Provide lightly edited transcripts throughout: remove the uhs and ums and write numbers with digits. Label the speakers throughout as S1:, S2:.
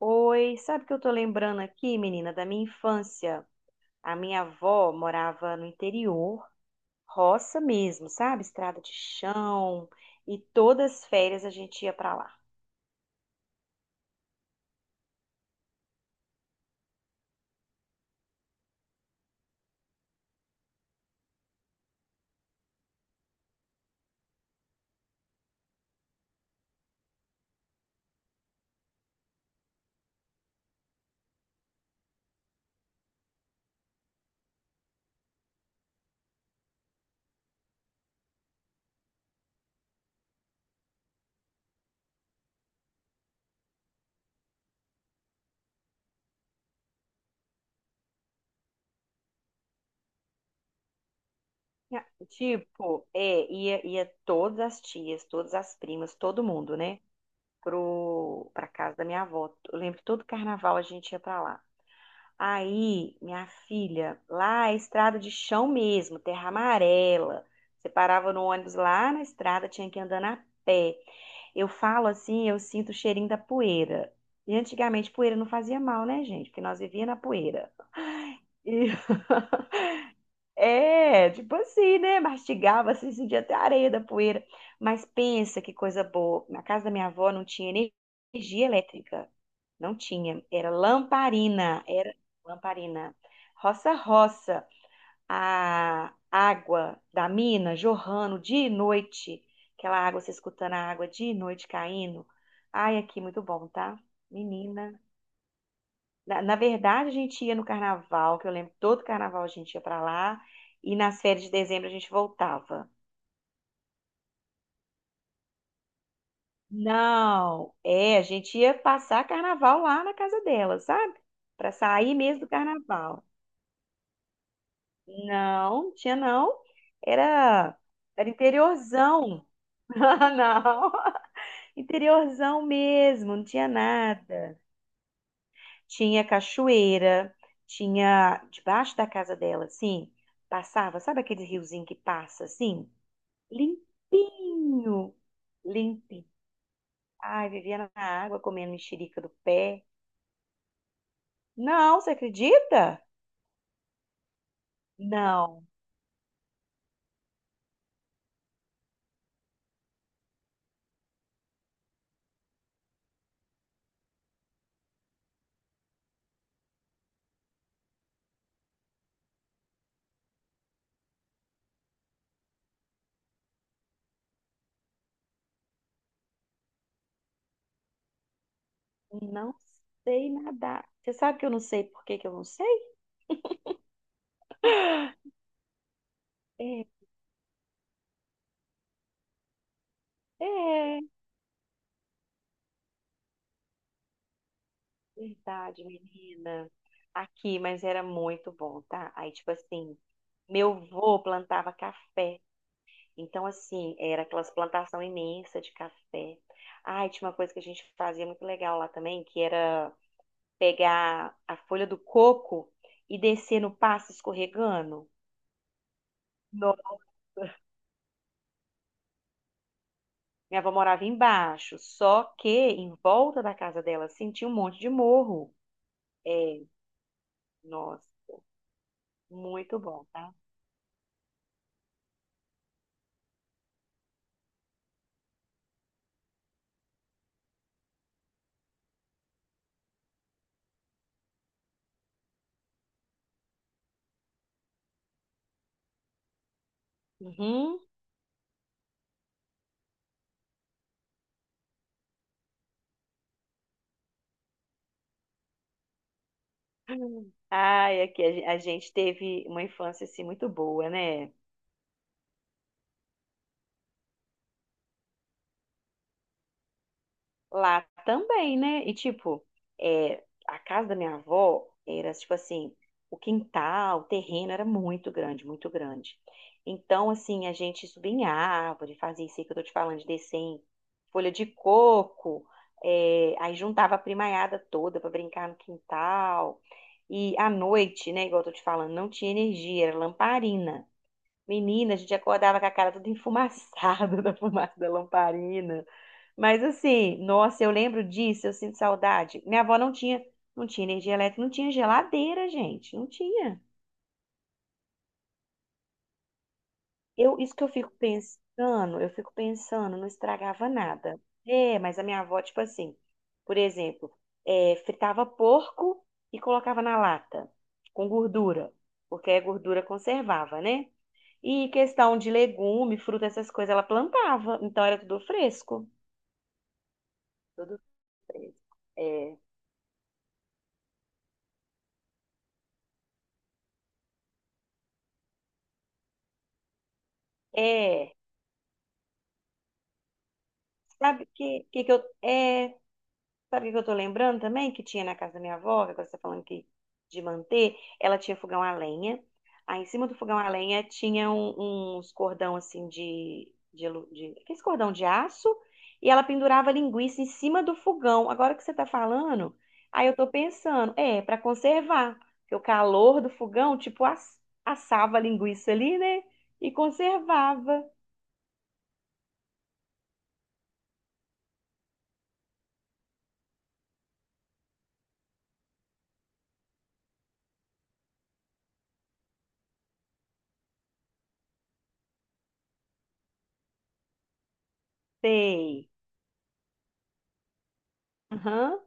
S1: Oi, sabe o que eu tô lembrando aqui, menina, da minha infância? A minha avó morava no interior, roça mesmo, sabe? Estrada de chão, e todas as férias a gente ia pra lá. Tipo, ia todas as tias, todas as primas, todo mundo, né? Pra casa da minha avó. Eu lembro que todo carnaval a gente ia pra lá. Aí, minha filha, lá é estrada de chão mesmo, terra amarela. Você parava no ônibus lá na estrada, tinha que andar a pé. Eu falo assim, eu sinto o cheirinho da poeira. E antigamente poeira não fazia mal, né, gente? Porque nós vivíamos na poeira. E É, tipo assim, né? Mastigava, assim, sentia até a areia da poeira. Mas pensa que coisa boa. Na casa da minha avó não tinha energia elétrica. Não tinha. Era lamparina. Era lamparina. Roça-roça. A água da mina jorrando de noite. Aquela água, você escutando a água de noite caindo. Ai, aqui, muito bom, tá? Menina. Na verdade, a gente ia no carnaval, que eu lembro que todo carnaval a gente ia pra lá, e nas férias de dezembro a gente voltava. Não, é, a gente ia passar carnaval lá na casa dela, sabe? Pra sair mesmo do carnaval. Não, tinha não. Era, era interiorzão. Ah, não, interiorzão mesmo, não tinha nada. Tinha cachoeira, tinha debaixo da casa dela, assim, passava, sabe aquele riozinho que passa assim? Limpinho. Limpinho. Ai, vivia na água comendo mexerica do pé. Não, você acredita? Não, não sei nadar. Você sabe que eu não sei por que que eu não sei? É, é, verdade, menina. Aqui, mas era muito bom, tá? Aí, tipo assim, meu vô plantava café. Então, assim, era aquelas plantação imensa de café. Ai, tinha uma coisa que a gente fazia muito legal lá também, que era pegar a folha do coco e descer no passo escorregando. Nossa. Minha avó morava embaixo, só que em volta da casa dela sentia um monte de morro. É, nossa, muito bom, tá? Uhum. Ai, aqui a a gente teve uma infância assim muito boa, né? Lá também, né? E tipo, é, a casa da minha avó era tipo assim, o quintal, o terreno era muito grande, muito grande. Então, assim, a gente subia em árvore, fazia isso aí que eu tô te falando, de descer em folha de coco, é, aí juntava a primaiada toda para brincar no quintal. E à noite, né, igual eu tô te falando, não tinha energia, era lamparina. Menina, a gente acordava com a cara toda enfumaçada da fumaça da lamparina. Mas assim, nossa, eu lembro disso, eu sinto saudade. Minha avó não tinha, não tinha energia elétrica, não tinha geladeira, gente, não tinha. Eu, isso que eu fico pensando, não estragava nada. É, mas a minha avó, tipo assim, por exemplo, é, fritava porco e colocava na lata, com gordura, porque a gordura conservava, né? E questão de legume, fruta, essas coisas, ela plantava. Então era tudo fresco. Tudo fresco. É, é. Sabe o que, que, que eu. É, Sabe o que que eu tô lembrando também? Que tinha na casa da minha avó, que agora você tá falando que de manter, ela tinha fogão a lenha. Aí em cima do fogão a lenha tinha uns cordão assim de Aqueles cordão de aço. E ela pendurava linguiça em cima do fogão. Agora que você tá falando, aí eu tô pensando, é, pra conservar. Porque o calor do fogão, tipo, assava a linguiça ali, né? E conservava. Sei. Aham.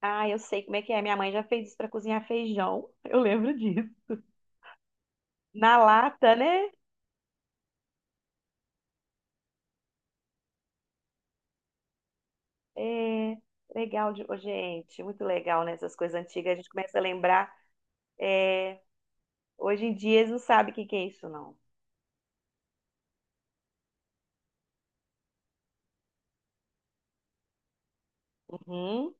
S1: Ah, eu sei como é que é. Minha mãe já fez isso para cozinhar feijão. Eu lembro disso. Na lata, né? É legal de... Ô, gente, muito legal, né? Essas coisas antigas. A gente começa a lembrar. Hoje em dia eles não sabem o que que é isso, não. Uhum.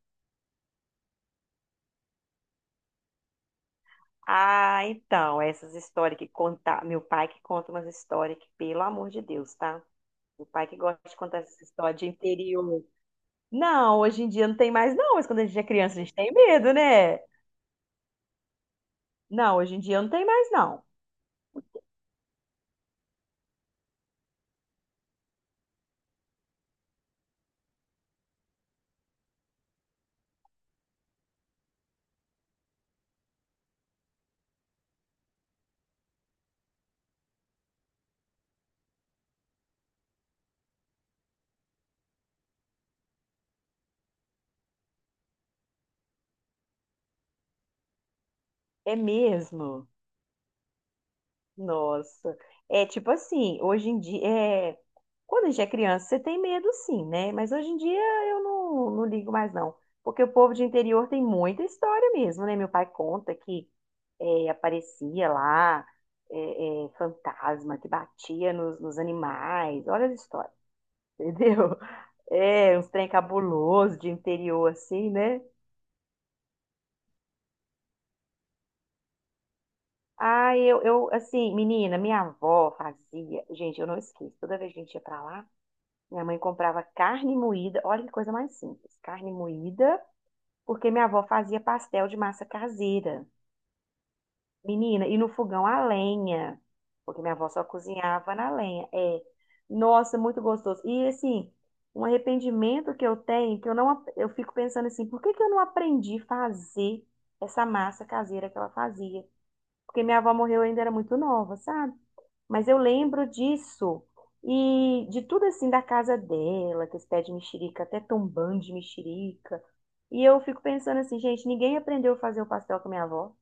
S1: Ah, então, essas histórias que conta. Meu pai que conta umas histórias que, pelo amor de Deus, tá? Meu pai que gosta de contar essas histórias de interior. Não, hoje em dia não tem mais, não. Mas quando a gente é criança, a gente tem medo, né? Não, hoje em dia não tem mais, não. É mesmo? Nossa. É tipo assim, hoje em dia, é, quando a gente é criança, você tem medo sim, né? Mas hoje em dia eu não, não ligo mais não. Porque o povo de interior tem muita história mesmo, né? Meu pai conta que é, aparecia lá é, fantasma que batia nos animais. Olha as histórias, entendeu? É, uns trem cabuloso de interior assim, né? Assim, menina, minha avó fazia. Gente, eu não esqueço. Toda vez que a gente ia pra lá, minha mãe comprava carne moída, olha que coisa mais simples, carne moída, porque minha avó fazia pastel de massa caseira. Menina, e no fogão a lenha, porque minha avó só cozinhava na lenha. É, nossa, muito gostoso. E assim, um arrependimento que eu tenho, que eu não, eu fico pensando assim, por que que eu não aprendi a fazer essa massa caseira que ela fazia? Porque minha avó morreu, eu ainda era muito nova, sabe? Mas eu lembro disso e de tudo assim da casa dela, que esse pé de mexerica, até tombando de mexerica. E eu fico pensando assim, gente, ninguém aprendeu a fazer o pastel com a minha avó.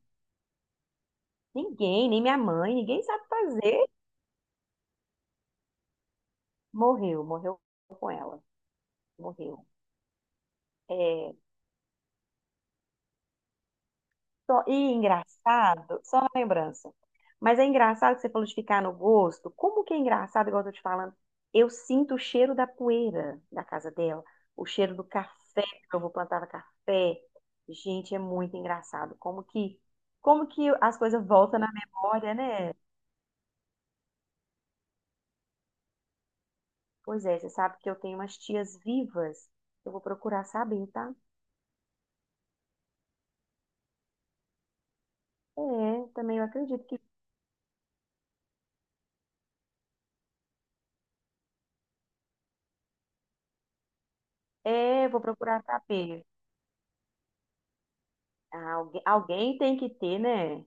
S1: Ninguém, nem minha mãe, ninguém sabe fazer. Morreu, morreu com ela, morreu. É, só, e engraçado, só uma lembrança. Mas é engraçado que você falou de ficar no gosto. Como que é engraçado, igual eu tô te falando, eu sinto o cheiro da poeira da casa dela, o cheiro do café, que eu vou plantava café. Gente, é muito engraçado. Como que as coisas voltam na memória, né? Pois é, você sabe que eu tenho umas tias vivas. Eu vou procurar saber, tá? É, também eu acredito que. É, vou procurar saber. Ah, alguém, alguém tem que ter, né?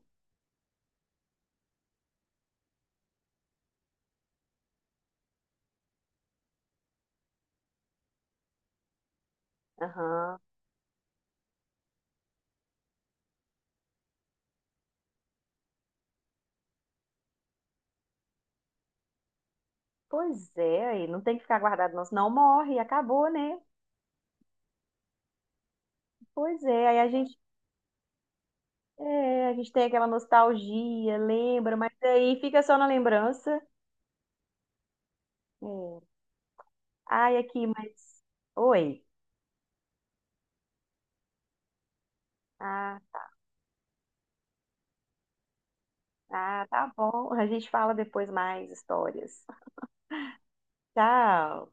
S1: Aham. Pois é, aí não tem que ficar guardado, não, senão morre, acabou, né? Pois é, aí a gente, é, a gente tem aquela nostalgia, lembra, mas aí fica só na lembrança. É. Ai, aqui, mas. Oi. Ah, tá, ah, tá bom. A gente fala depois mais histórias. Tchau.